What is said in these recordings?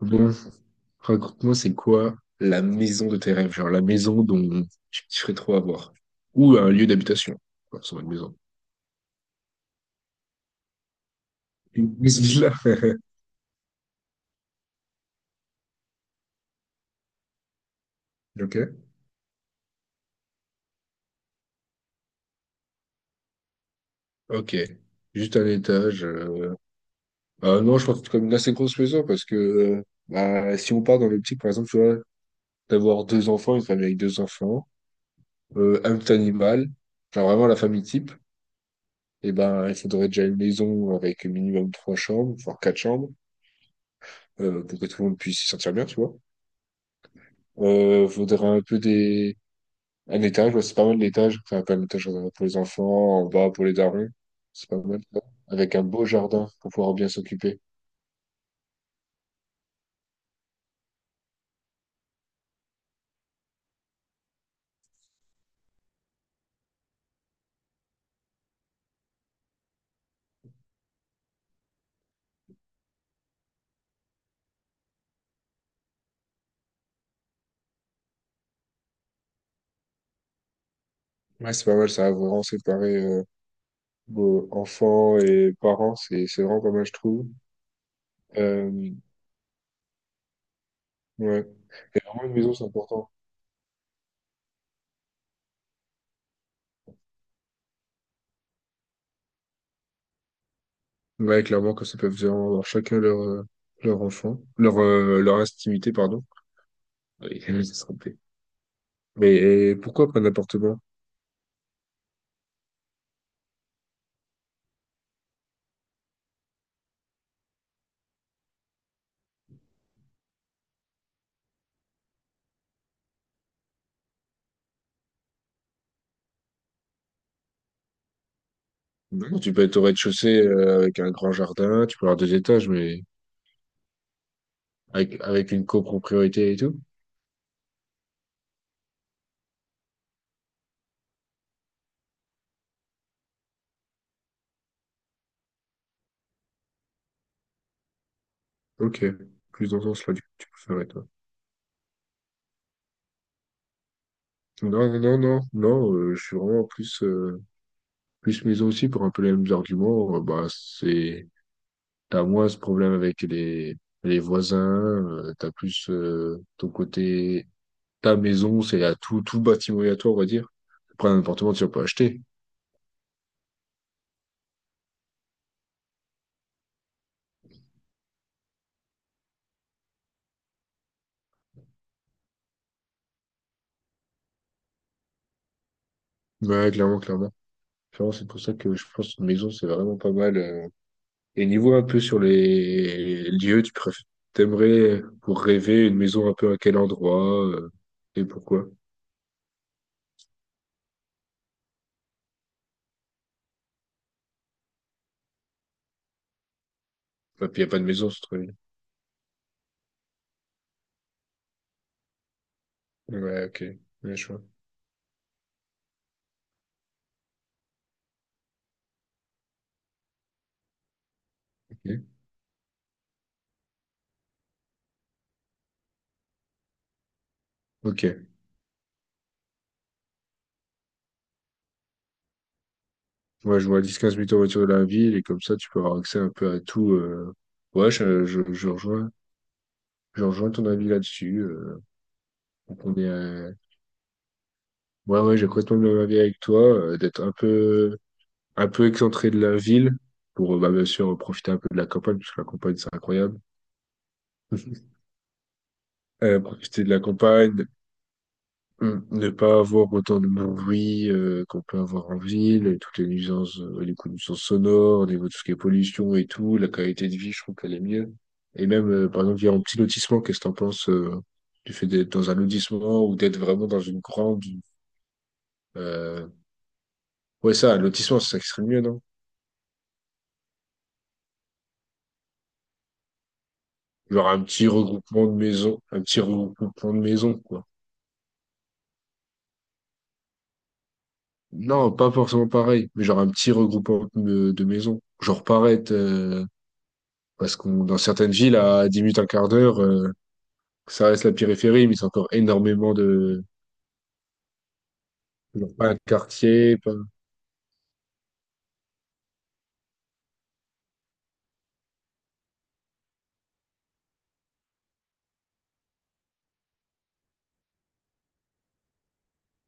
Bon, raconte-moi, c'est quoi la maison de tes rêves? Genre la maison dont tu kifferais trop avoir. Ou un lieu d'habitation. Enfin, c'est pas une maison. Une maison là. Ok. Ok. Juste un étage. Ah non, je pense que c'est comme une assez grosse maison parce que bah, si on part dans l'optique, par exemple, tu vois, d'avoir deux enfants, une famille avec deux enfants, un petit animal, genre vraiment la famille type, et ben il faudrait déjà une maison avec minimum trois chambres, voire quatre chambres, pour que tout le monde puisse s'y sentir bien, tu vois. Faudrait un peu des... un étage, ouais, c'est pas mal l'étage. Enfin, pas un étage pour les enfants, en bas pour les darons. C'est pas mal ça. Avec un beau jardin pour pouvoir bien s'occuper. Ouais, c'est pas mal, ça a vraiment séparé beau- enfants et parents. C'est vraiment pas mal, je trouve. Euh, ouais, et vraiment une maison, c'est important. Ouais, clairement, que ça peut vraiment avoir chacun leur, leur enfant, leur, leur intimité, pardon. Oui, je me suis trompé. Mais et pourquoi pas un appartement? Non, tu peux être au rez-de-chaussée avec un grand jardin, tu peux avoir deux étages, mais avec une copropriété et tout. Ok, plus dans ce sens-là, du coup, tu préférais, toi. Non, je suis vraiment plus, plus maison aussi pour un peu les mêmes arguments. Bah, c'est, t'as moins ce problème avec les voisins, t'as plus ton côté, ta maison, c'est à tout, tout bâtiment est à toi, on va dire. Après, un appartement, tu vas pas acheter. Ouais, clairement, clairement. Clairement, c'est pour ça que je pense que maison, c'est vraiment pas mal. Et niveau un peu sur les lieux, tu préfères, t'aimerais pour rêver une maison un peu à quel endroit et pourquoi? Ah, puis il n'y a pas de maison, c'est trop bien. Ouais, ok. Ouais, je vois. Ok. Ok. Moi, je vois 10-15 minutes en voiture de la ville et comme ça, tu peux avoir accès un peu à tout. Ouais, je rejoins ton avis là-dessus. Donc, on est à- Ouais, ouais, j'ai complètement le même avis avec toi, d'être un peu excentré de la ville pour, bah, bien sûr, profiter un peu de la campagne, parce que la campagne, c'est incroyable. Profiter de la campagne, mm, ne pas avoir autant de bruit qu'on peut avoir en ville, et toutes les nuisances, les coups de nuisances sonores, au niveau de tout ce qui est pollution et tout, la qualité de vie, je trouve qu'elle est mieux. Et même, par exemple, via un petit lotissement, qu'est-ce que t'en penses du fait d'être dans un lotissement ou d'être vraiment dans une grande... Euh... Ouais, ça, un lotissement, c'est ça qui serait mieux, non? Un petit regroupement de maisons, quoi. Non, pas forcément pareil, mais genre un petit regroupement de maisons. Genre paraître parce que dans certaines villes, à 10 minutes, un quart d'heure, ça reste la périphérie, mais c'est encore énormément de... Genre pas un quartier, pas...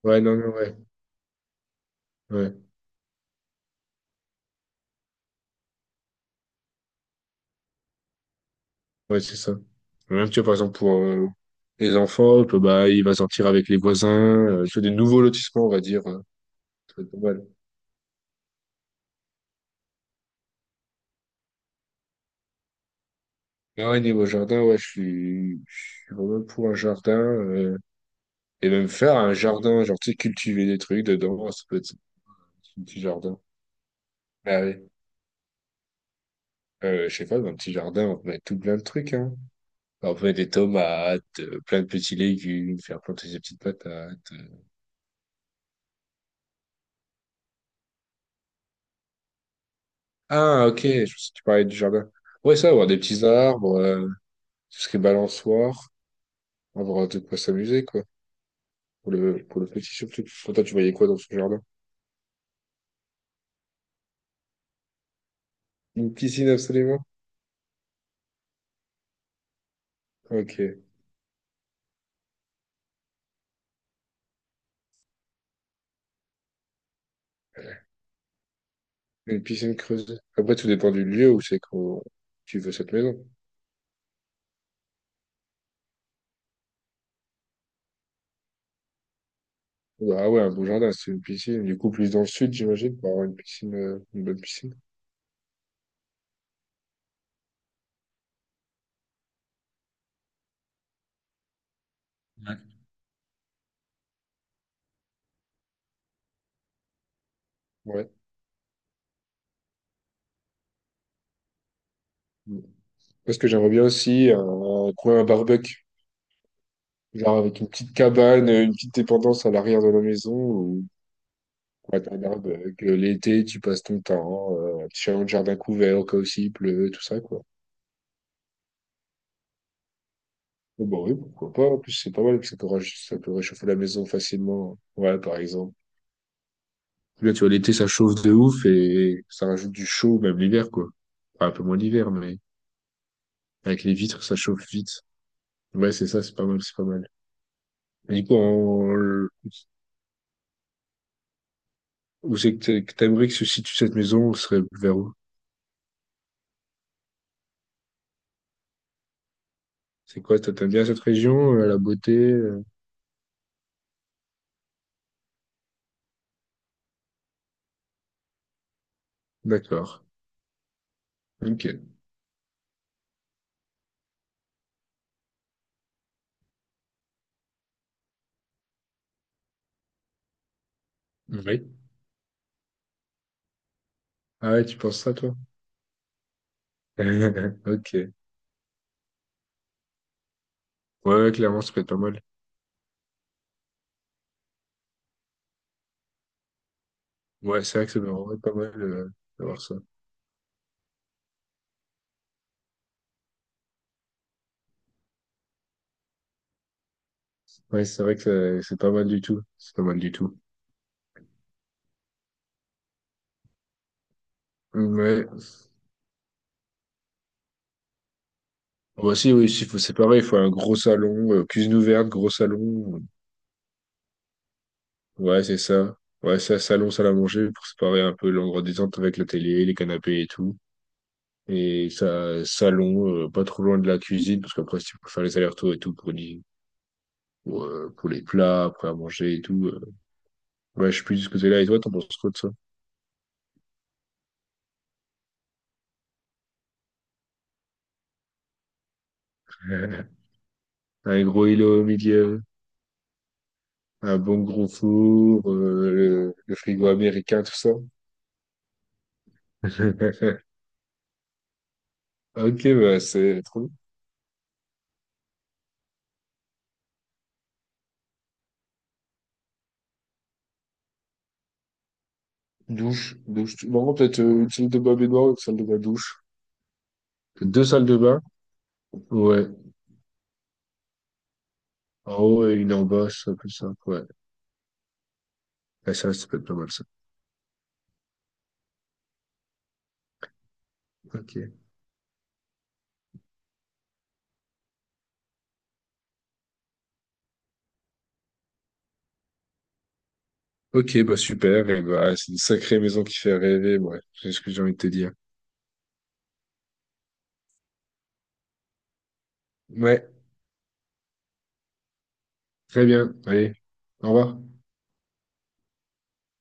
Ouais, non, non, ouais. Ouais, ouais, c'est ça. Même, tu vois, par exemple, pour les enfants, que, bah, il va sortir avec les voisins, tu vois, des nouveaux lotissements, on va dire. Hein. Ça va être pas mal. Mais ouais, niveau jardin, ouais, je, suis, je suis vraiment pour un jardin. Et même faire un jardin, genre, tu sais, cultiver des trucs dedans, ça peut être un petit jardin. Ah oui. Je sais pas, dans un petit jardin, on peut mettre tout plein de trucs, hein. Enlever des tomates, plein de petits légumes, faire planter des petites patates. Ah, ok, je pensais que tu parlais du jardin. Ouais, ça, avoir des petits arbres, tout ce qui est balançoire, avoir de quoi s'amuser, quoi. Pour le petit surtout. Pour toi, tu voyais quoi dans ce jardin? Une piscine, absolument? Ok. Une piscine creusée. Après, tout dépend du lieu où c'est qu'on, tu veux cette maison. Ah ouais, un beau jardin, c'est une piscine. Du coup, plus dans le sud, j'imagine, pour avoir une piscine, une bonne piscine. Ouais. Parce que j'aimerais bien aussi un coin à barbecue. Genre avec une petite cabane, une petite dépendance à l'arrière de la maison où ouais, t'as un arbre, que l'été, tu passes ton temps, tu as un jardin couvert au cas où s'il pleut, tout ça, quoi. Bon, bah oui, pourquoi pas. En plus, c'est pas mal, puis ça peut, rach- ça peut réchauffer la maison facilement. Ouais, par exemple. Là, tu vois, l'été, ça chauffe de ouf et ça rajoute du chaud, même l'hiver, quoi. Enfin, un peu moins l'hiver, mais avec les vitres, ça chauffe vite. Ouais, c'est ça, c'est pas mal, c'est pas mal. Et du coup, en- où c'est que t'a- que t'aimerais que se situe cette maison? Ce serait vers où? C'est quoi, toi, t'aimes bien cette région, la beauté? D'accord. Ok. Oui. Ah ouais, tu penses ça, toi? Ok. Ouais, ouais, clairement, ça peut être pas mal. Ouais, c'est vrai que ça peut vraiment être pas mal d'avoir ça. Ouais, c'est vrai que ça- c'est pas mal du tout. C'est pas mal du tout. Mmh, ouais. Moi aussi, oui, si, faut- c'est pareil, il faut un gros salon, cuisine ouverte, gros salon. Ouais, c'est ça. Ouais, ça, salon, salle à manger pour séparer un peu l'endroit détente avec la télé, les canapés et tout. Et ça, salon, pas trop loin de la cuisine, parce qu'après, si tu peux faire les allers-retours et tout pour les plats, après à manger et tout. Ouais, je suis plus de ce que là. Et toi, t'en penses quoi de ça? Un gros îlot au milieu, un bon gros four, le frigo américain, tout ça. Ok, bah, c'est trop bien. Douche, douche. Bon, peut-être une salle de bain baignoire, une salle de bain douche. Deux salles de bain? Ouais. En haut et une en bas, ça, plus ça. Ouais. Ah, ça peut être pas mal, ça. Ok. Ok, bah super. Et bah, c'est une sacrée maison qui fait rêver. Ouais, c'est ce que j'ai envie de te dire. Ouais, très bien. Allez, au revoir.